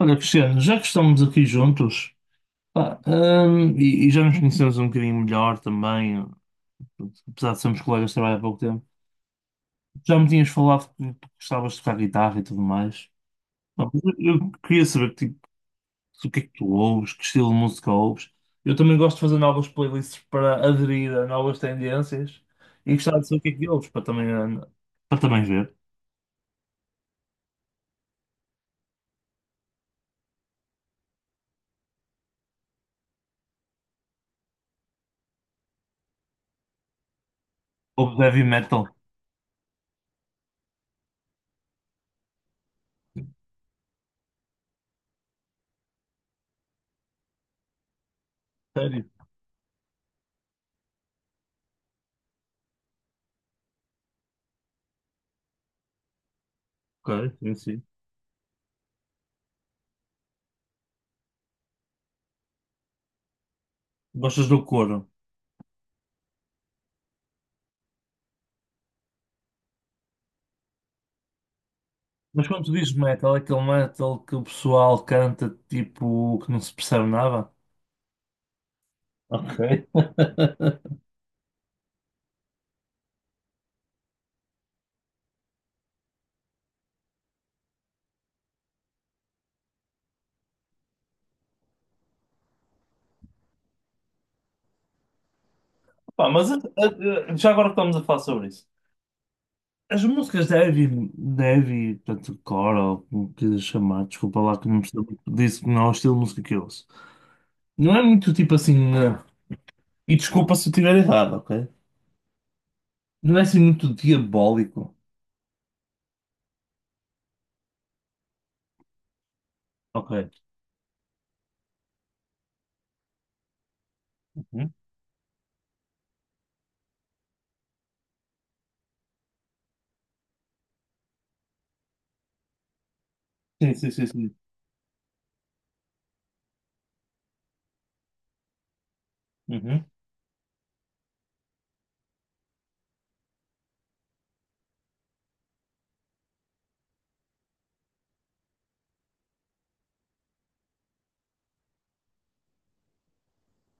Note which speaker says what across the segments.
Speaker 1: Olha, Cristiano, já que estamos aqui juntos, pá, e já nos conhecemos um bocadinho melhor também, apesar de sermos colegas de trabalho há pouco tempo, já me tinhas falado que gostavas de tocar guitarra e tudo mais. Pá, mas eu queria saber que tipo, o que é que tu ouves, que estilo de música ouves. Eu também gosto de fazer novas playlists para aderir a novas tendências e gostava de saber o que é que ouves para também, para também ver. Ouves heavy metal? Sério? Ok, sim, sim. Gostas do Coro? Mas quando tu dizes metal, é aquele metal que o pessoal canta tipo que não se percebe nada. Ok. Pá, mas já agora que estamos a falar sobre isso. As músicas de heavy, portanto, core, ou como quiser chamar, desculpa lá que não percebo muito disso, que não é o estilo de música que eu ouço. Não é muito tipo assim, e desculpa se eu tiver errado, ok? Não é assim muito diabólico. Ok. Uhum. Sim, sim, sim, sim. Uhum.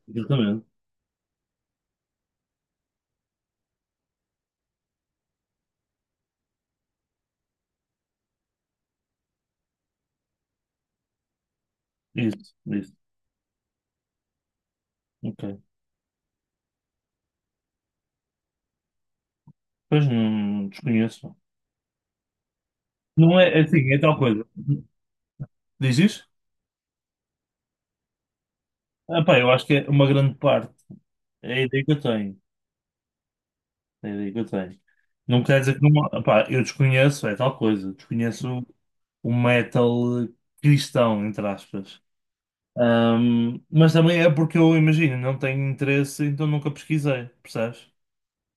Speaker 1: Exatamente. Isso, isso. Ok. Pois não desconheço. Não é, é assim, é tal coisa. Diz isso? Ah, pá, eu acho que é uma grande parte. É a ideia que eu tenho. É a ideia que eu tenho. Não quer dizer que não. Pá, eu desconheço, é tal coisa. Desconheço o metal cristão, entre aspas. Mas também é porque eu imagino, não tenho interesse, então nunca pesquisei, percebes?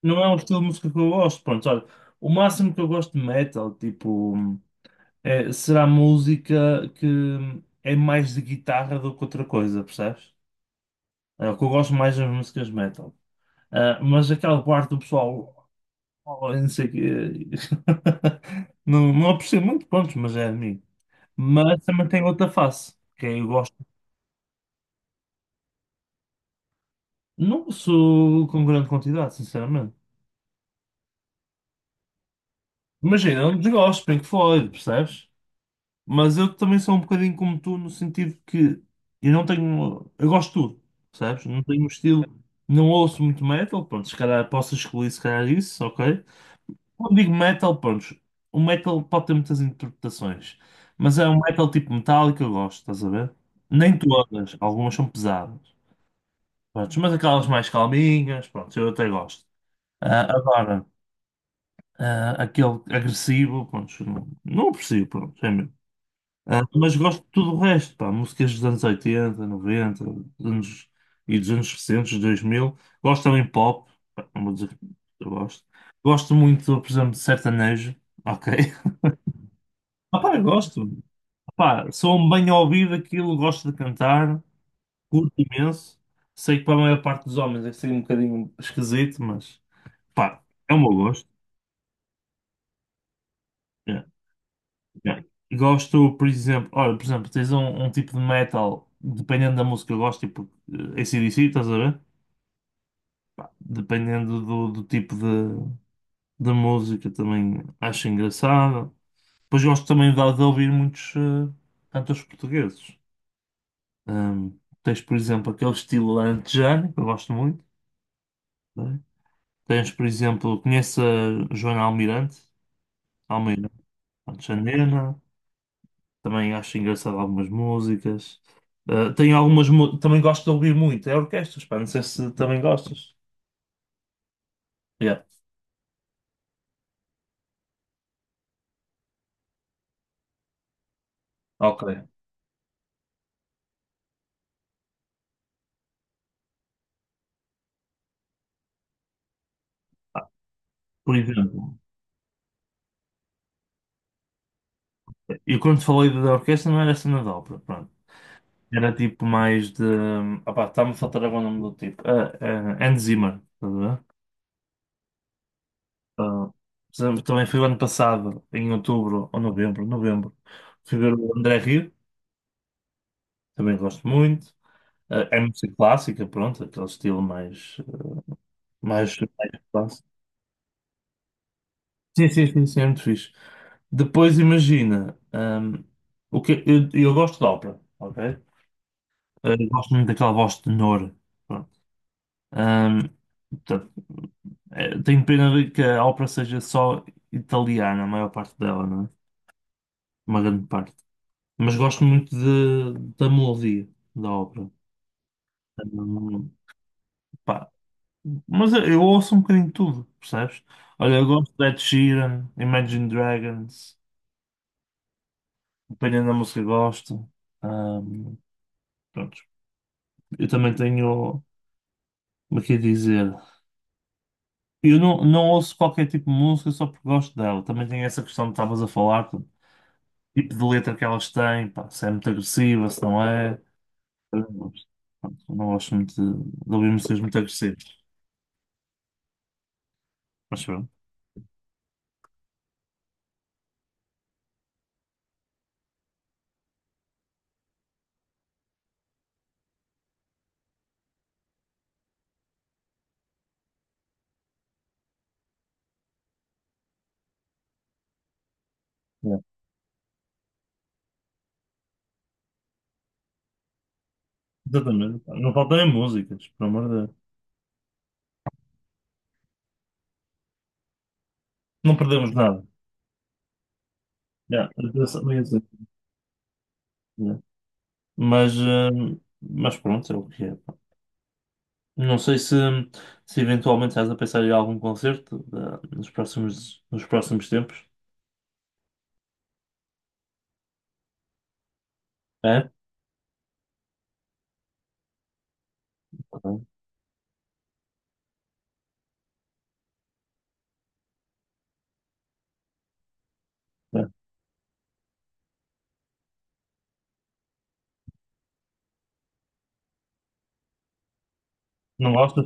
Speaker 1: Não é um estilo de música que eu gosto. Pronto, olha, o máximo que eu gosto de metal, tipo, será música que é mais de guitarra do que outra coisa, percebes? É, o que eu gosto mais das músicas metal. Ah, mas aquela parte do pessoal, oh, não sei o quê, não, não aprecio muito, pronto, mas é de mim. Mas também tem outra face, que é, eu gosto. Não sou com grande quantidade, sinceramente. Imagina, eu não desgosto, Pink Floyd, percebes? Mas eu também sou um bocadinho como tu, no sentido que eu não tenho. Eu gosto de tudo, percebes? Não tenho um estilo. Não ouço muito metal, pronto, se calhar posso excluir, se calhar isso, ok? Quando digo metal, pronto, o metal pode ter muitas interpretações, mas é um metal tipo metálico que eu gosto, estás a ver? Nem todas, algumas são pesadas, pronto, mas aquelas mais calminhas, pronto, eu até gosto. Ah, agora, ah, aquele agressivo, pronto, não, não aprecio, pronto, é mesmo. Ah, mas gosto de tudo o resto, pá, músicas dos anos 80, 90, dos anos, e dos anos recentes, 2000. Gosto também de pop, pá, não vou dizer que eu gosto. Gosto muito, por exemplo, de sertanejo, ok? Ah, pá, eu gosto. Pá, sou um bem ouvido aquilo, gosto de cantar, curto imenso. Sei que para a maior parte dos homens é ser um bocadinho esquisito, mas pá, é o meu gosto. É, é. Gosto, por exemplo, olha, por exemplo, tens um tipo de metal, dependendo da música, eu gosto, tipo AC/DC, estás a ver? Pá, dependendo do tipo de música, também acho engraçado. Depois gosto também de ouvir muitos cantores portugueses. Tens, por exemplo, aquele estilo alentejano, que eu gosto muito, né? Tens, por exemplo, conheço a Joana Almirante, Almeida Alexandrina, também acho engraçado algumas músicas. Ah, tenho algumas, também gosto de ouvir muito, é orquestras, pá, não sei se também gostas. Yeah, ok. Por exemplo, eu quando falei da orquestra não era cena de ópera, pronto. Era tipo mais de. Opá, está-me a faltar agora o nome do tipo. Ah, Hans Zimmer, estás a ver? Ah, por exemplo, também fui o ano passado, em outubro ou novembro, novembro, fui ver o André Rio, também gosto muito. Ah, é música clássica, pronto, aquele estilo mais, clássico. Sim, sim, sim, sim, é muito fixe. Depois imagina, o que, eu gosto de ópera, ok? Ah, eu gosto muito daquela voz de tenor. Pronto. Ahm, portanto, tenho pena de que a ópera seja só italiana, a maior parte dela, não é? Uma grande parte. Mas gosto muito de, da melodia da ópera. Hum, pá. Mas eu ouço um bocadinho de tudo, percebes? Olha, eu gosto de Ed Sheeran, Imagine Dragons, dependendo da música gosto. Hum, pronto. Eu também tenho, como é que é dizer? Eu não, não ouço qualquer tipo de música só porque gosto dela. Também tem essa questão que estavas a falar, do tipo de letra que elas têm, pá, se é muito agressiva, se não é. Eu não gosto. Pronto, eu não gosto muito de ouvir músicas muito agressivas. Mas pronto. Yeah. Exatamente, pá. Não faltam é músicas, pelo amor de Deus. Não perdemos nada. Yeah. Eu ia dizer, yeah. Mas, pronto, é o que é. Não sei se eventualmente estás a pensar em algum concerto nos próximos tempos. É? Ok. É. Não gostas?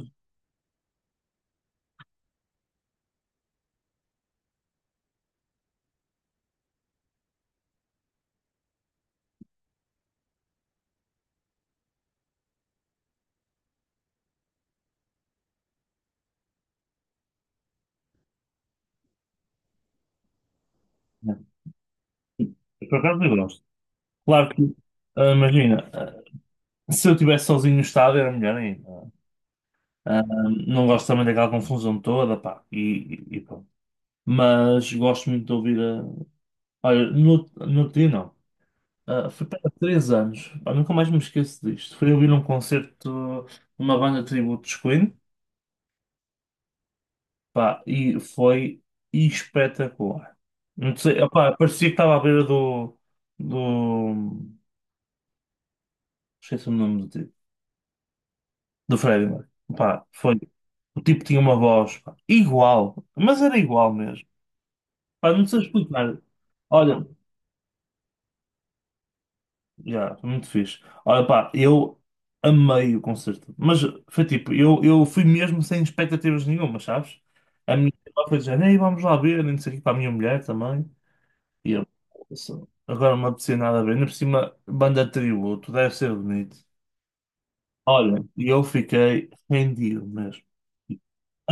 Speaker 1: É. Por acaso eu gosto. Claro que, imagina, se eu estivesse sozinho no estádio era melhor ainda. Ah, não gosto também daquela confusão toda, pá. E pronto. Mas gosto muito de ouvir a. Olha, no outro dia não. Ah, foi para 3 anos. Pá, nunca mais me esqueço disto. Fui ouvir um concerto de uma banda de tributo dos Queen. Pá, e foi espetacular. Não sei, opá, parecia que estava à beira do. Do. Esqueci o nome do tipo. Do Freddie Mercury. Pá, foi. O tipo tinha uma voz, pá, igual, mas era igual mesmo. Pá, não sei explicar. Olha, já, foi muito fixe. Olha, pá, eu amei o concerto. Mas foi tipo, eu fui mesmo sem expectativas nenhuma, sabes? A minha irmã foi dizendo: "Ei, vamos lá ver, nem sei o que para a minha mulher também. E eu: "Nossa, agora não me apetecia nada a ver. Ainda por cima, banda de tributo, deve ser bonito." Olha, e eu fiquei rendido mesmo.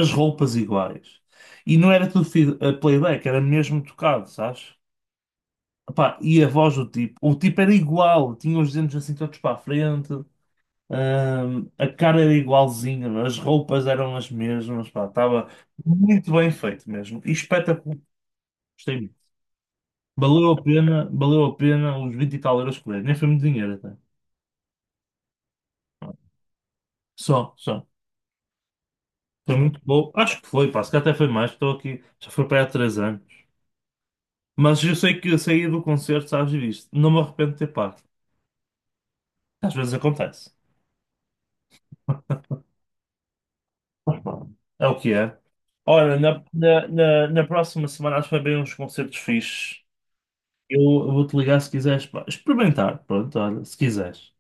Speaker 1: As roupas iguais. E não era tudo playback, era mesmo tocado, sabes? Epá, e a voz do tipo, o tipo era igual, tinha os dentes assim todos para a frente. A cara era igualzinha, as roupas eram as mesmas, pá, estava muito bem feito mesmo. E espetacular, gostei muito. Valeu a pena os 20 e tal euros que dei. Nem foi muito dinheiro até. Só, só. Foi muito bom. Acho que foi, pá, se calhar até foi mais, estou aqui, já foi para aí há 3 anos. Mas eu sei que eu saí do concerto, sabes disto. Não me arrependo de ter pago. Às vezes acontece. Mas pronto, é o que é. Ora, na próxima semana acho que vai haver uns concertos fixes. Eu vou-te ligar se quiseres, pá. Experimentar, pronto, olha, se quiseres.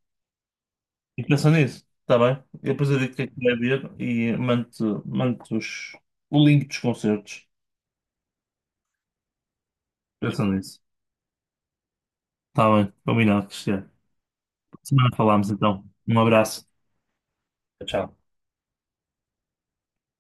Speaker 1: E pensa nisso, está bem? Eu depois eu digo o que é que vai ver e mando-te o link dos concertos. Pensa nisso. Está bem, combinado, Cristiano. Semana falamos então. Um abraço. Tchau.